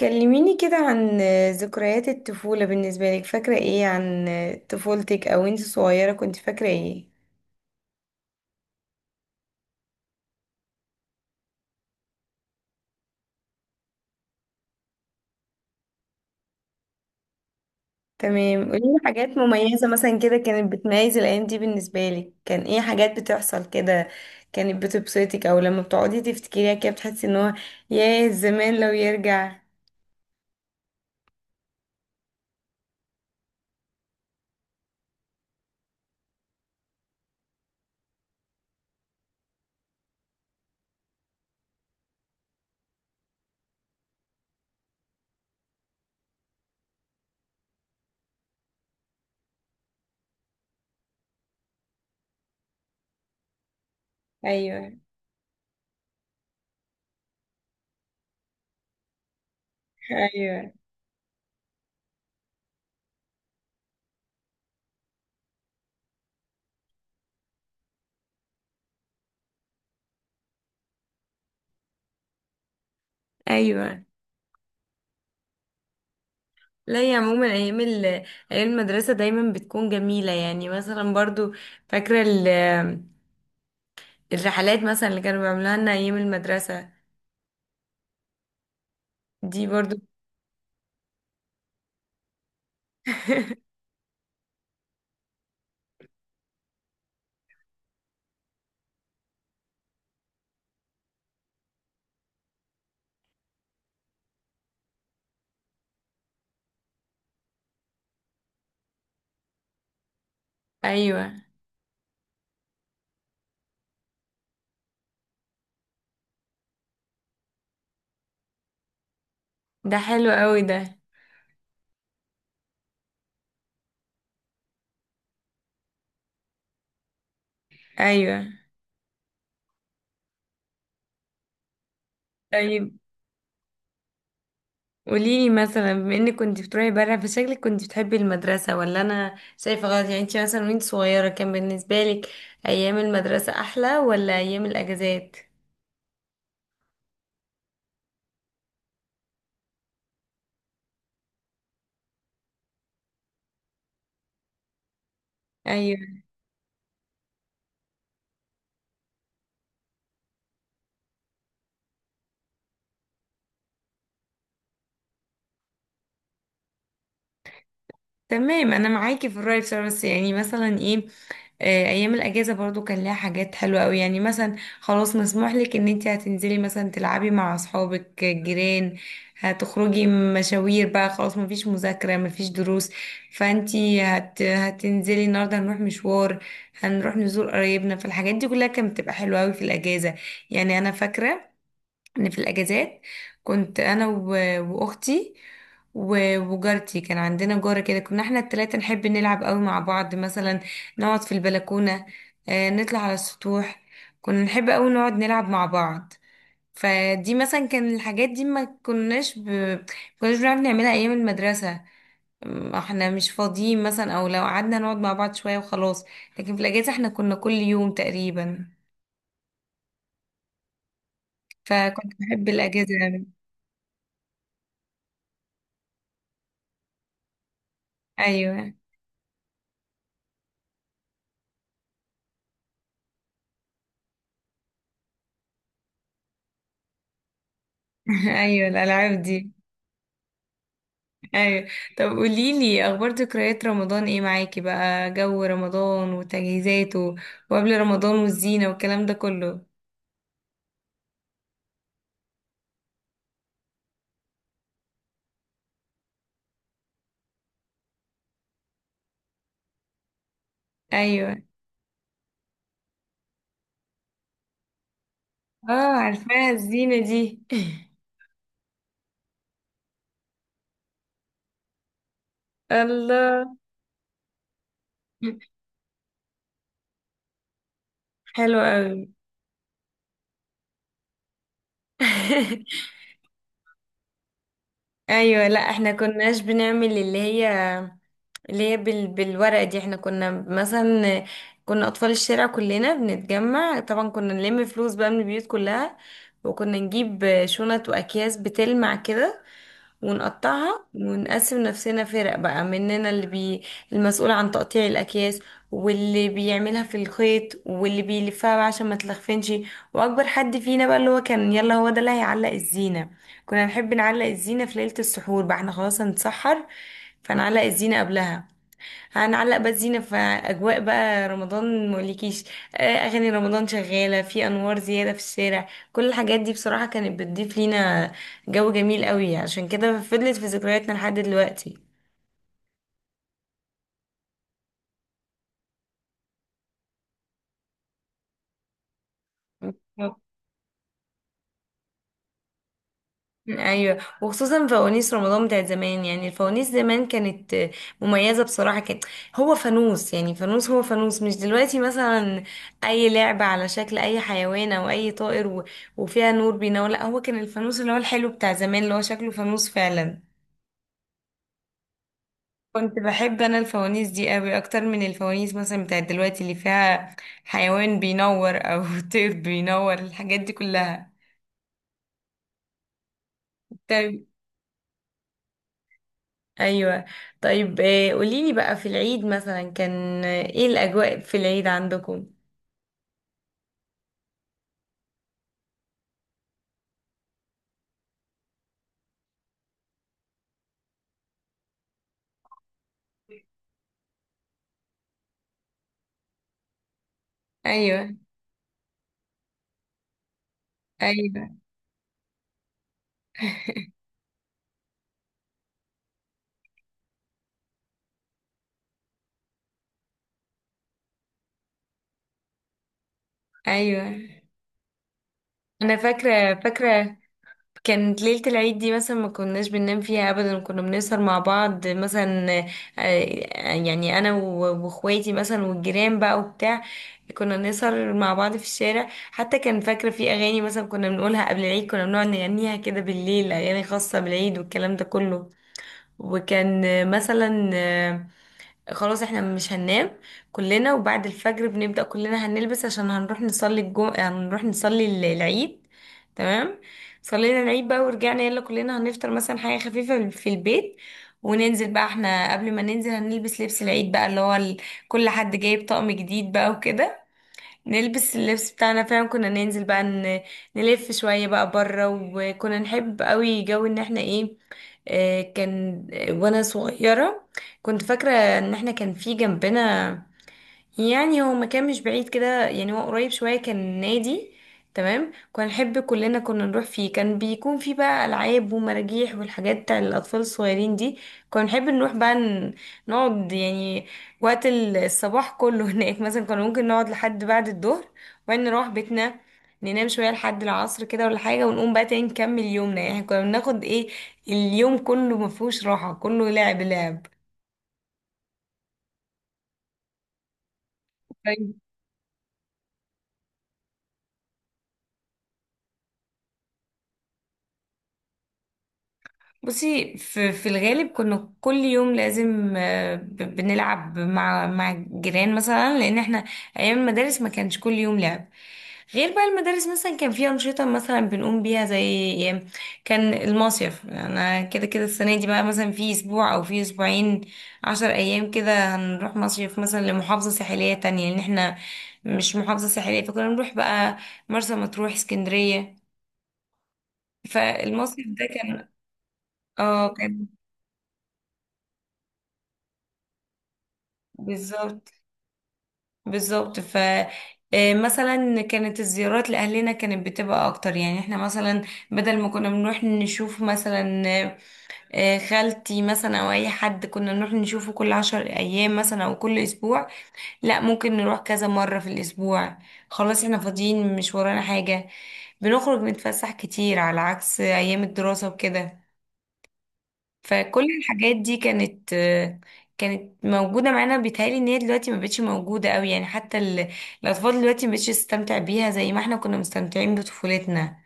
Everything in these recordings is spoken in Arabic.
كلميني كده عن ذكريات الطفولة بالنسبة لك. فاكرة ايه عن طفولتك؟ او انت صغيرة كنت فاكرة ايه؟ تمام، قوليلي حاجات مميزة مثلا كده، كانت بتميز الايام دي بالنسبة لك. كان ايه حاجات بتحصل كده كانت بتبسطك، او لما بتقعدي تفتكريها كده بتحسي ان هو ياه زمان لو يرجع. ايوه. ايوه. ايوه. لا، يا عموما ايام المدرسة دايما بتكون جميلة. يعني مثلا برضو فاكرة الرحلات مثلا اللي كانوا بيعملوها لنا ايام المدرسة دي برضو. ايوه. ده حلو قوي ده. ايوه. طيب، قوليلي مثلا بما انك كنت بتروحي بره، فشكلك كنت بتحبي المدرسة ولا انا شايفة غلط؟ يعني انت مثلا وانت صغيرة كان بالنسبة لك ايام المدرسة احلى ولا ايام الاجازات؟ ايوه. تمام، انا معاكي في الرأي بصراحة. بس يعني مثلا ايه، ايام الاجازه برضو كان لها حاجات حلوه قوي. يعني مثلا خلاص مسموح لك ان انت هتنزلي مثلا تلعبي مع اصحابك الجيران، هتخرجي مشاوير بقى، خلاص مفيش مذاكره مفيش دروس. فانت هتنزلي النهارده، هنروح مشوار، هنروح نزور قرايبنا. فالحاجات دي كلها كانت بتبقى حلوه قوي في الاجازه. يعني انا فاكره ان في الاجازات كنت انا واختي وجارتي. كان عندنا جارة كده، كنا احنا التلاتة نحب نلعب قوي مع بعض. مثلا نقعد في البلكونة، نطلع على السطوح. كنا نحب قوي نقعد نلعب مع بعض. فدي مثلا كان الحاجات دي ما كناش بنعرف نعملها ايام المدرسة. احنا مش فاضيين مثلا، او لو قعدنا نقعد مع بعض شوية وخلاص. لكن في الاجازة احنا كنا كل يوم تقريبا. فكنت بحب الاجازة أوي. ايوه. ايوه، الالعاب دي. ايوه. طب قولي لي اخبار، ذكريات رمضان ايه معاكي بقى؟ جو رمضان وتجهيزاته وقبل رمضان والزينه والكلام ده كله. ايوه. اه، عارفاها الزينه دي. الله. حلوه قوي. ايوه. لا، احنا كناش بنعمل اللي هي بالورقه دي. احنا كنا مثلا، كنا اطفال الشارع كلنا بنتجمع. طبعا كنا نلم فلوس بقى من البيوت كلها، وكنا نجيب شنط واكياس بتلمع كده ونقطعها ونقسم نفسنا فرق بقى. مننا المسؤول عن تقطيع الأكياس، واللي بيعملها في الخيط، واللي بيلفها بقى عشان ما تلخفنش. وأكبر حد فينا بقى اللي هو كان يلا هو ده اللي هيعلق الزينة. كنا نحب نعلق الزينة في ليلة السحور، بقى احنا خلاص هنتسحر فنعلق الزينة قبلها. هنعلق بقى الزينة في أجواء بقى رمضان، مقولكيش، أغاني رمضان شغالة، في أنوار زيادة في الشارع. كل الحاجات دي بصراحة كانت بتضيف لينا جو جميل قوي، عشان كده فضلت في ذكرياتنا لحد دلوقتي. ايوه، وخصوصا فوانيس رمضان بتاعت زمان. يعني الفوانيس زمان كانت مميزه بصراحه. كان هو فانوس، يعني فانوس هو فانوس، مش دلوقتي مثلا اي لعبه على شكل اي حيوان او اي طائر وفيها نور بينور. لا، هو كان الفانوس اللي هو الحلو بتاع زمان، اللي هو شكله فانوس فعلا. كنت بحب انا الفوانيس دي قوي اكتر من الفوانيس مثلا بتاعت دلوقتي اللي فيها حيوان بينور او طير بينور، الحاجات دي كلها. طيب. ايوه. طيب، قوليلي بقى في العيد مثلا كان ايه الاجواء في العيد عندكم؟ ايوه. ايوه. ايوه. انا فاكره فاكره. كانت ليله العيد دي مثلا ما كناش بننام فيها ابدا، كنا بنسهر مع بعض مثلا. يعني انا واخواتي مثلا والجيران بقى وبتاع. كنا نسهر مع بعض في الشارع حتى. كان فاكره في اغاني مثلا كنا بنقولها قبل العيد، كنا بنقعد نغنيها كده بالليل، اغاني خاصه بالعيد والكلام ده كله. وكان مثلا خلاص احنا مش هننام كلنا. وبعد الفجر بنبدأ كلنا هنلبس عشان هنروح نصلي العيد. تمام، صلينا العيد بقى ورجعنا، يلا كلنا هنفطر مثلا حاجة خفيفة في البيت، وننزل بقى. احنا قبل ما ننزل هنلبس لبس العيد بقى، كل حد جايب طقم جديد بقى وكده. نلبس اللبس بتاعنا فعلا، كنا ننزل بقى نلف شوية بقى بره. وكنا نحب قوي جو ان احنا ايه، كان وانا صغيرة كنت فاكرة ان احنا كان في جنبنا، يعني هو مكان مش بعيد كده، يعني هو قريب شوية، كان نادي. تمام، كنا نحب كلنا كنا نروح فيه. كان بيكون فيه بقى ألعاب ومراجيح والحاجات بتاع الأطفال الصغيرين دي. كنا نحب نروح بقى نقعد يعني وقت الصباح كله هناك مثلا. كنا ممكن نقعد لحد بعد الظهر، وبعدين نروح بيتنا ننام شوية لحد العصر كده ولا حاجة، ونقوم بقى تاني نكمل يومنا. يعني كنا بناخد ايه، اليوم كله مفهوش راحة، كله لعب لعب. بصي، في الغالب كنا كل يوم لازم بنلعب مع الجيران مثلا، لان احنا ايام المدارس ما كانش كل يوم لعب. غير بقى المدارس مثلا كان فيها أنشطة مثلا بنقوم بيها زي كان المصيف. أنا كده كده السنة دي بقى مثلا في أسبوع أو في أسبوعين عشر أيام كده، هنروح مصيف مثلا لمحافظة ساحلية تانية، لأن احنا مش محافظة ساحلية. فكنا نروح بقى مرسى مطروح، اسكندرية. فالمصيف ده كان. اه، كان. بالظبط. بالظبط، ف مثلا كانت الزيارات لأهلنا كانت بتبقى أكتر. يعني احنا مثلا بدل ما كنا بنروح نشوف مثلا خالتي مثلا أو أي حد، كنا نروح نشوفه كل عشر أيام مثلا أو كل أسبوع. لا، ممكن نروح كذا مرة في الأسبوع، خلاص احنا فاضيين مش ورانا حاجة. بنخرج نتفسح كتير على عكس أيام الدراسة وكده. فكل الحاجات دي كانت موجودة معانا. بيتهيألي ان هي دلوقتي ما بقتش موجودة قوي. يعني حتى الأطفال دلوقتي ما بقتش تستمتع بيها زي ما احنا كنا مستمتعين بطفولتنا.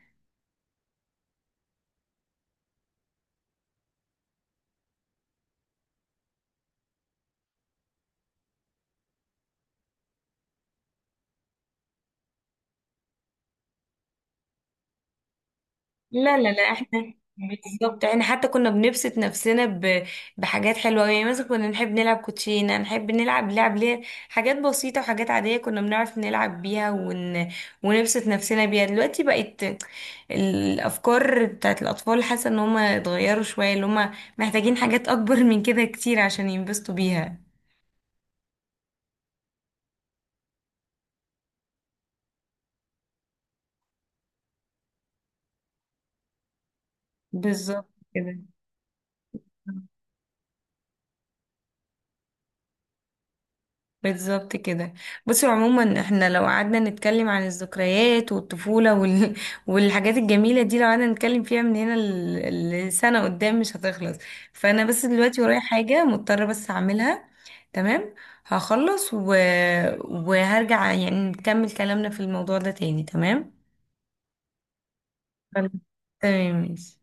لا لا لا، احنا بالظبط، احنا حتى كنا بنبسط نفسنا بحاجات حلوة أوي. يعني مثلا كنا نحب نلعب كوتشينة، نحب نلعب لعب ليه. حاجات بسيطة وحاجات عادية كنا بنعرف نلعب بيها ونبسط نفسنا بيها. دلوقتي بقت الأفكار بتاعت الأطفال، حاسة ان هما اتغيروا شوية، اللي هما محتاجين حاجات أكبر من كده كتير عشان ينبسطوا بيها. بالظبط كده. بالظبط كده. بصي، عموما احنا لو قعدنا نتكلم عن الذكريات والطفولة والحاجات الجميلة دي، لو قعدنا نتكلم فيها من هنا لسنة قدام مش هتخلص. فانا بس دلوقتي ورايا حاجة مضطرة بس اعملها. تمام، هخلص وهرجع يعني نكمل كلامنا في الموضوع ده تاني. تمام. خلاص. تمام ماشي.